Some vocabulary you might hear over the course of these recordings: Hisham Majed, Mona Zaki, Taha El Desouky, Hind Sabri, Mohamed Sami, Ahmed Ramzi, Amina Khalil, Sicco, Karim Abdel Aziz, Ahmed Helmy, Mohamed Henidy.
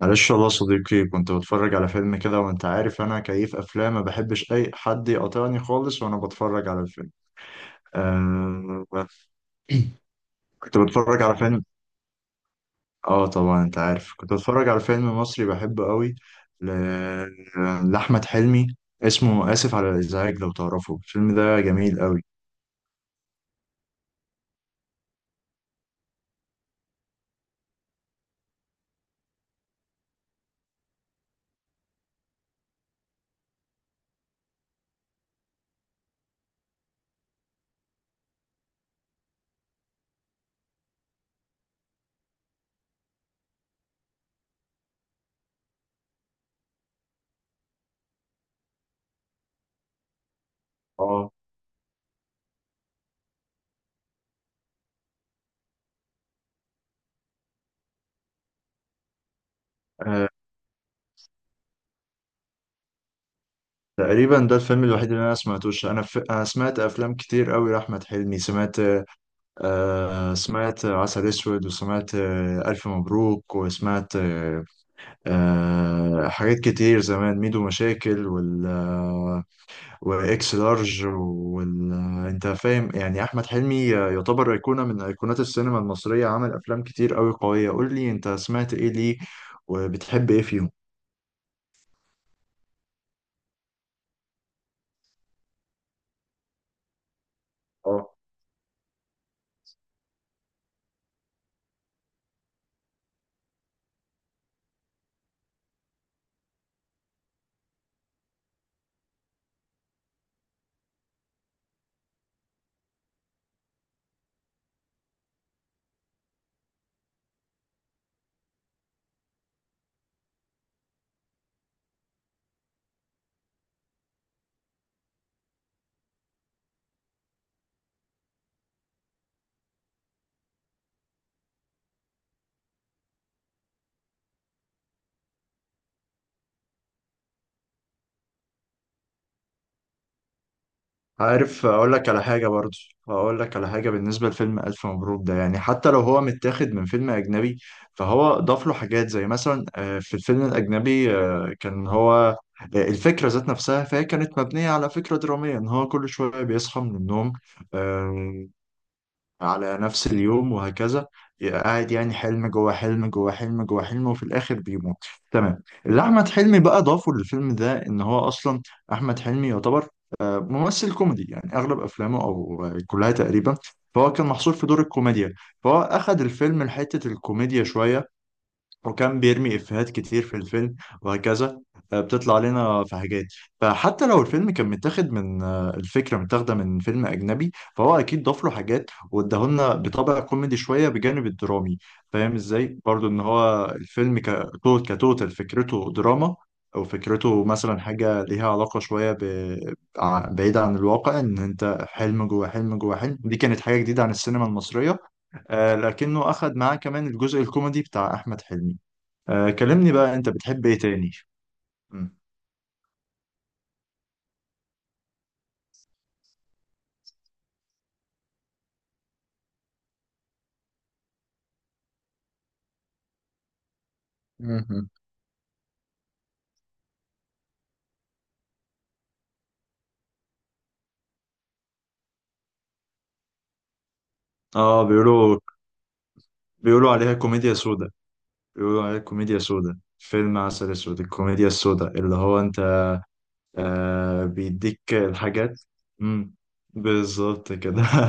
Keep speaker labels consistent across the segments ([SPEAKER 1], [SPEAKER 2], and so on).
[SPEAKER 1] معلش والله يا صديقي، كنت بتفرج على فيلم كده، وانت عارف انا كيف افلام، ما بحبش اي حد يقاطعني خالص وانا بتفرج على الفيلم. آه كنت بتفرج على فيلم. اه، طبعا انت عارف، كنت بتفرج على فيلم مصري بحبه قوي. ل... آه، لاحمد حلمي. اسمه اسف على الازعاج لو تعرفه، الفيلم ده جميل قوي. اه، آه، تقريبا ده الفيلم الوحيد اللي انا سمعتوش. انا سمعت افلام كتير قوي لاحمد حلمي، سمعت عسل اسود، وسمعت الف مبروك، وسمعت حاجات كتير زمان. ميدو مشاكل، وال آه، واكس لارج، وال آه، انت فاهم؟ يعني احمد حلمي يعتبر ايقونه من ايقونات السينما المصريه، عمل افلام كتير قوي قويه. قول لي انت سمعت ايه، ليه، وبتحب ايه فيهم؟ عارف، اقول لك على حاجه برضو. اقول لك على حاجه بالنسبه لفيلم الف مبروك ده. يعني حتى لو هو متاخد من فيلم اجنبي، فهو ضاف له حاجات. زي مثلا في الفيلم الاجنبي كان هو الفكره ذات نفسها، فهي كانت مبنيه على فكره دراميه ان هو كل شويه بيصحى من النوم آه، على نفس اليوم، وهكذا. قاعد يعني حلم جوه حلم جوه حلم جوه حلم، وفي الاخر بيموت. تمام. اللي احمد حلمي بقى ضافه للفيلم ده ان هو اصلا احمد حلمي يعتبر ممثل كوميدي. يعني اغلب افلامه، او كلها تقريبا، فهو كان محصور في دور الكوميديا، فهو اخد الفيلم لحتة الكوميديا شوية، وكان بيرمي إفيهات كتير في الفيلم وهكذا. بتطلع لنا في حاجات. فحتى لو الفيلم كان متاخد من الفكرة متاخدة من فيلم أجنبي، فهو أكيد ضاف له حاجات واداهولنا بطابع كوميدي شوية بجانب الدرامي. فاهم إزاي؟ برضو إن هو الفيلم كتوتال فكرته دراما، أو فكرته مثلا حاجة ليها علاقة شوية بعيدة عن الواقع. إن أنت حلم جوه حلم جوه حلم، دي كانت حاجة جديدة عن السينما المصرية. لكنه أخد معاه كمان الجزء الكوميدي بتاع أحمد حلمي. كلمني بقى، انت بتحب ايه تاني؟ مم. مهم. اه، بيقولوا عليها كوميديا سودا. بيقولوا عليها كوميديا سودا. فيلم عسل اسود، الكوميديا السودا، اللي هو انت بيديك الحاجات. مم. بالظبط كده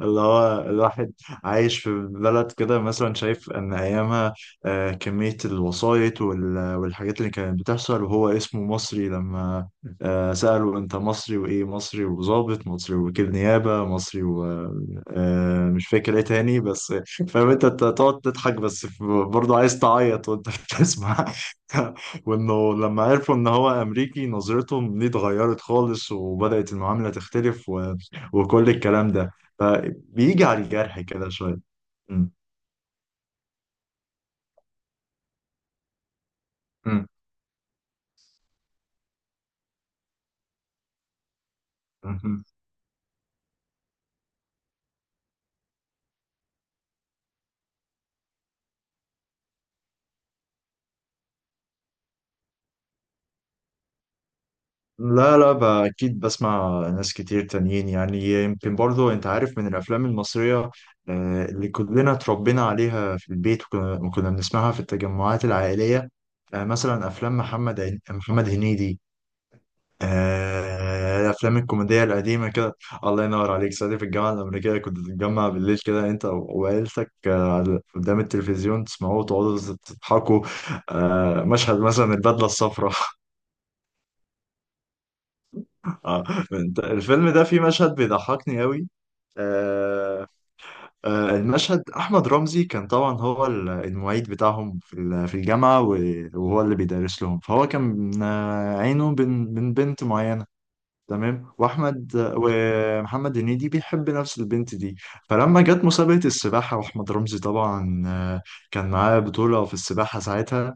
[SPEAKER 1] اللي هو الواحد عايش في بلد كده، مثلا شايف ان ايامها كمية الوسايط والحاجات اللي كانت بتحصل، وهو اسمه مصري لما سأله انت مصري، وايه مصري، وظابط مصري، وكيل نيابة مصري، ومش فاكر ايه تاني بس. فاهم انت؟ أنت تقعد تضحك، بس برضه عايز تعيط وانت بتسمع وانه لما عرفوا ان هو امريكي، نظرتهم ليه اتغيرت خالص، وبدأت المعاملة تختلف، وكل الكلام ده. فبيجي على الجرح كده شوية. مم. مم. مم. لا، لا، اكيد بسمع ناس كتير تانيين يعني. يمكن برضو انت عارف، من الافلام المصرية اللي كلنا اتربينا عليها في البيت، وكنا بنسمعها في التجمعات العائلية. مثلا افلام محمد هنيدي. الافلام الكوميديه القديمه كده. الله ينور عليك، صديق. في الجامعه الامريكيه كنت تتجمع بالليل كده انت وعيلتك قدام التلفزيون، تسمعوه وتقعدوا تضحكوا. مشهد مثلا البدله الصفراء آه، الفيلم ده فيه مشهد بيضحكني قوي. آه، المشهد، احمد رمزي كان طبعا هو المعيد بتاعهم في في الجامعه، وهو اللي بيدرس لهم. فهو كان عينه بين بين بنت معينه. تمام. ومحمد هنيدي بيحب نفس البنت دي. فلما جت مسابقه السباحه، واحمد رمزي طبعا كان معاه بطوله في السباحه ساعتها.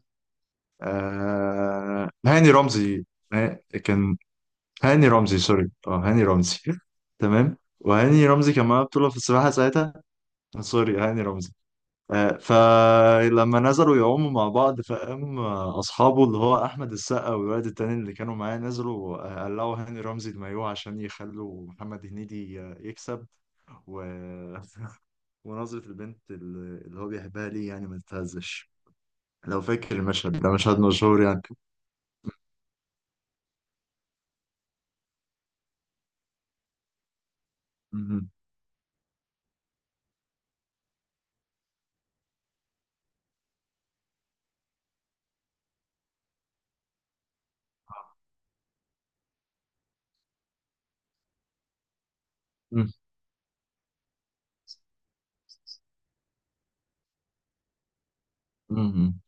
[SPEAKER 1] هاني رمزي. كان هاني رمزي. سوري، اه، هاني رمزي تمام، وهاني رمزي كان معاه بطوله في السباحه ساعتها. سوري، هاني رمزي. فلما نزلوا يعوموا مع بعض، فقام اصحابه، اللي هو احمد السقا والولد التاني اللي كانوا معاه، نزلوا قلعوا هاني رمزي المايوه عشان يخلوا محمد هنيدي يكسب. و... ونظرة البنت اللي هو بيحبها ليه، يعني ما تتهزش. لو فاكر المشهد ده، مشهد مشهور يعني. مهم. مهم. مهم.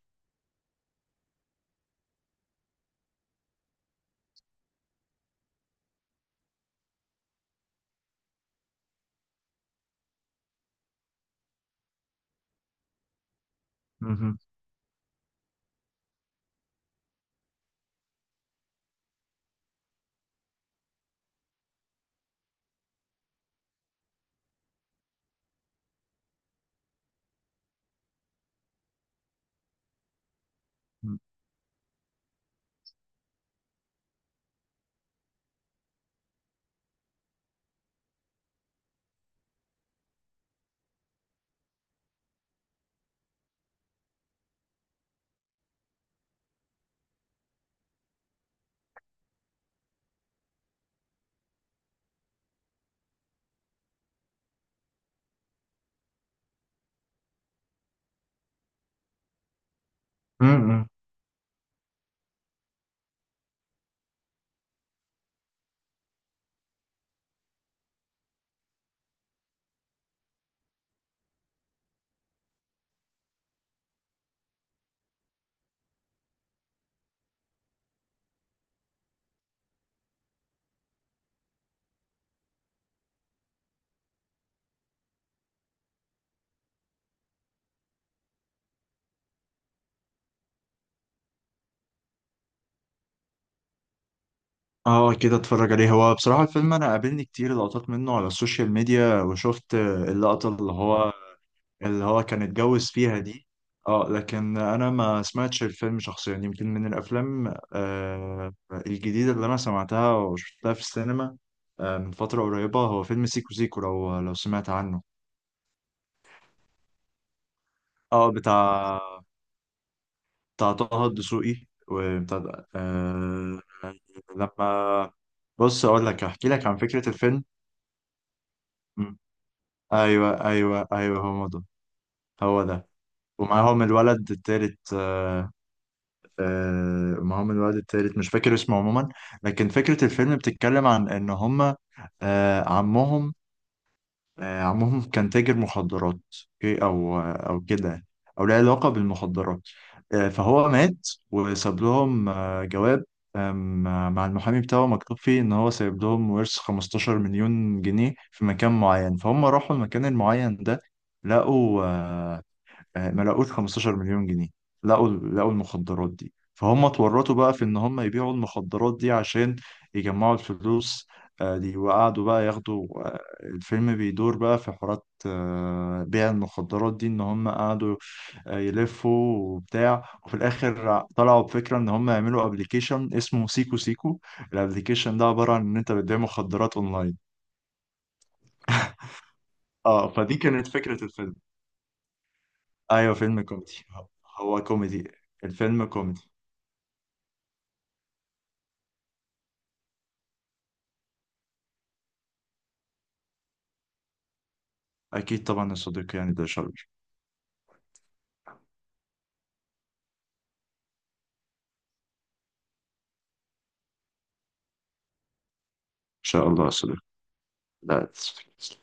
[SPEAKER 1] مهم. مهم. اه، كده اتفرج عليه. هو بصراحة الفيلم انا قابلني كتير لقطات منه على السوشيال ميديا، وشفت اللقطة اللي هو كان اتجوز فيها دي. اه، لكن انا ما سمعتش الفيلم شخصيا. يمكن من الافلام الجديده اللي انا سمعتها وشفتها في السينما من فتره قريبه، هو فيلم سيكو سيكو. لو سمعت عنه؟ اه، بتاع طه الدسوقي، وبتاع لما. بص، اقول لك احكي لك عن فكره الفيلم. مم. ايوه ايوه ايوه، هو ده. هو ده. ومعاهم الولد التالت. معاهم الولد التالت، مش فاكر اسمه عموما. لكن فكرة الفيلم بتتكلم عن ان هما آه، عمهم عمهم كان تاجر مخدرات. أوكي، او كده، او له علاقة بالمخدرات. فهو مات وساب لهم جواب، آم، مع المحامي بتاعه، مكتوب فيه ان هو سايب لهم ورث 15 مليون جنيه في مكان معين. فهم راحوا المكان المعين ده، لقوا آه، آه، ما لقوش 15 مليون جنيه. لقوا المخدرات دي. فهم اتورطوا بقى في ان هم يبيعوا المخدرات دي عشان يجمعوا الفلوس دي. وقعدوا بقى ياخدوا الفيلم بيدور بقى في حوارات بيع المخدرات دي. ان هم قعدوا يلفوا وبتاع، وفي الاخر طلعوا بفكرة ان هم يعملوا ابلكيشن اسمه سيكو سيكو. الابلكيشن ده عبارة عن ان انت بتبيع مخدرات اونلاين. اه، فدي كانت فكرة الفيلم. ايوه، فيلم كوميدي. هو كوميدي. الفيلم كوميدي. أكيد طبعا يا صديقي، يعني ده شرف. إن شاء الله يا صديقي. لا، تسلم.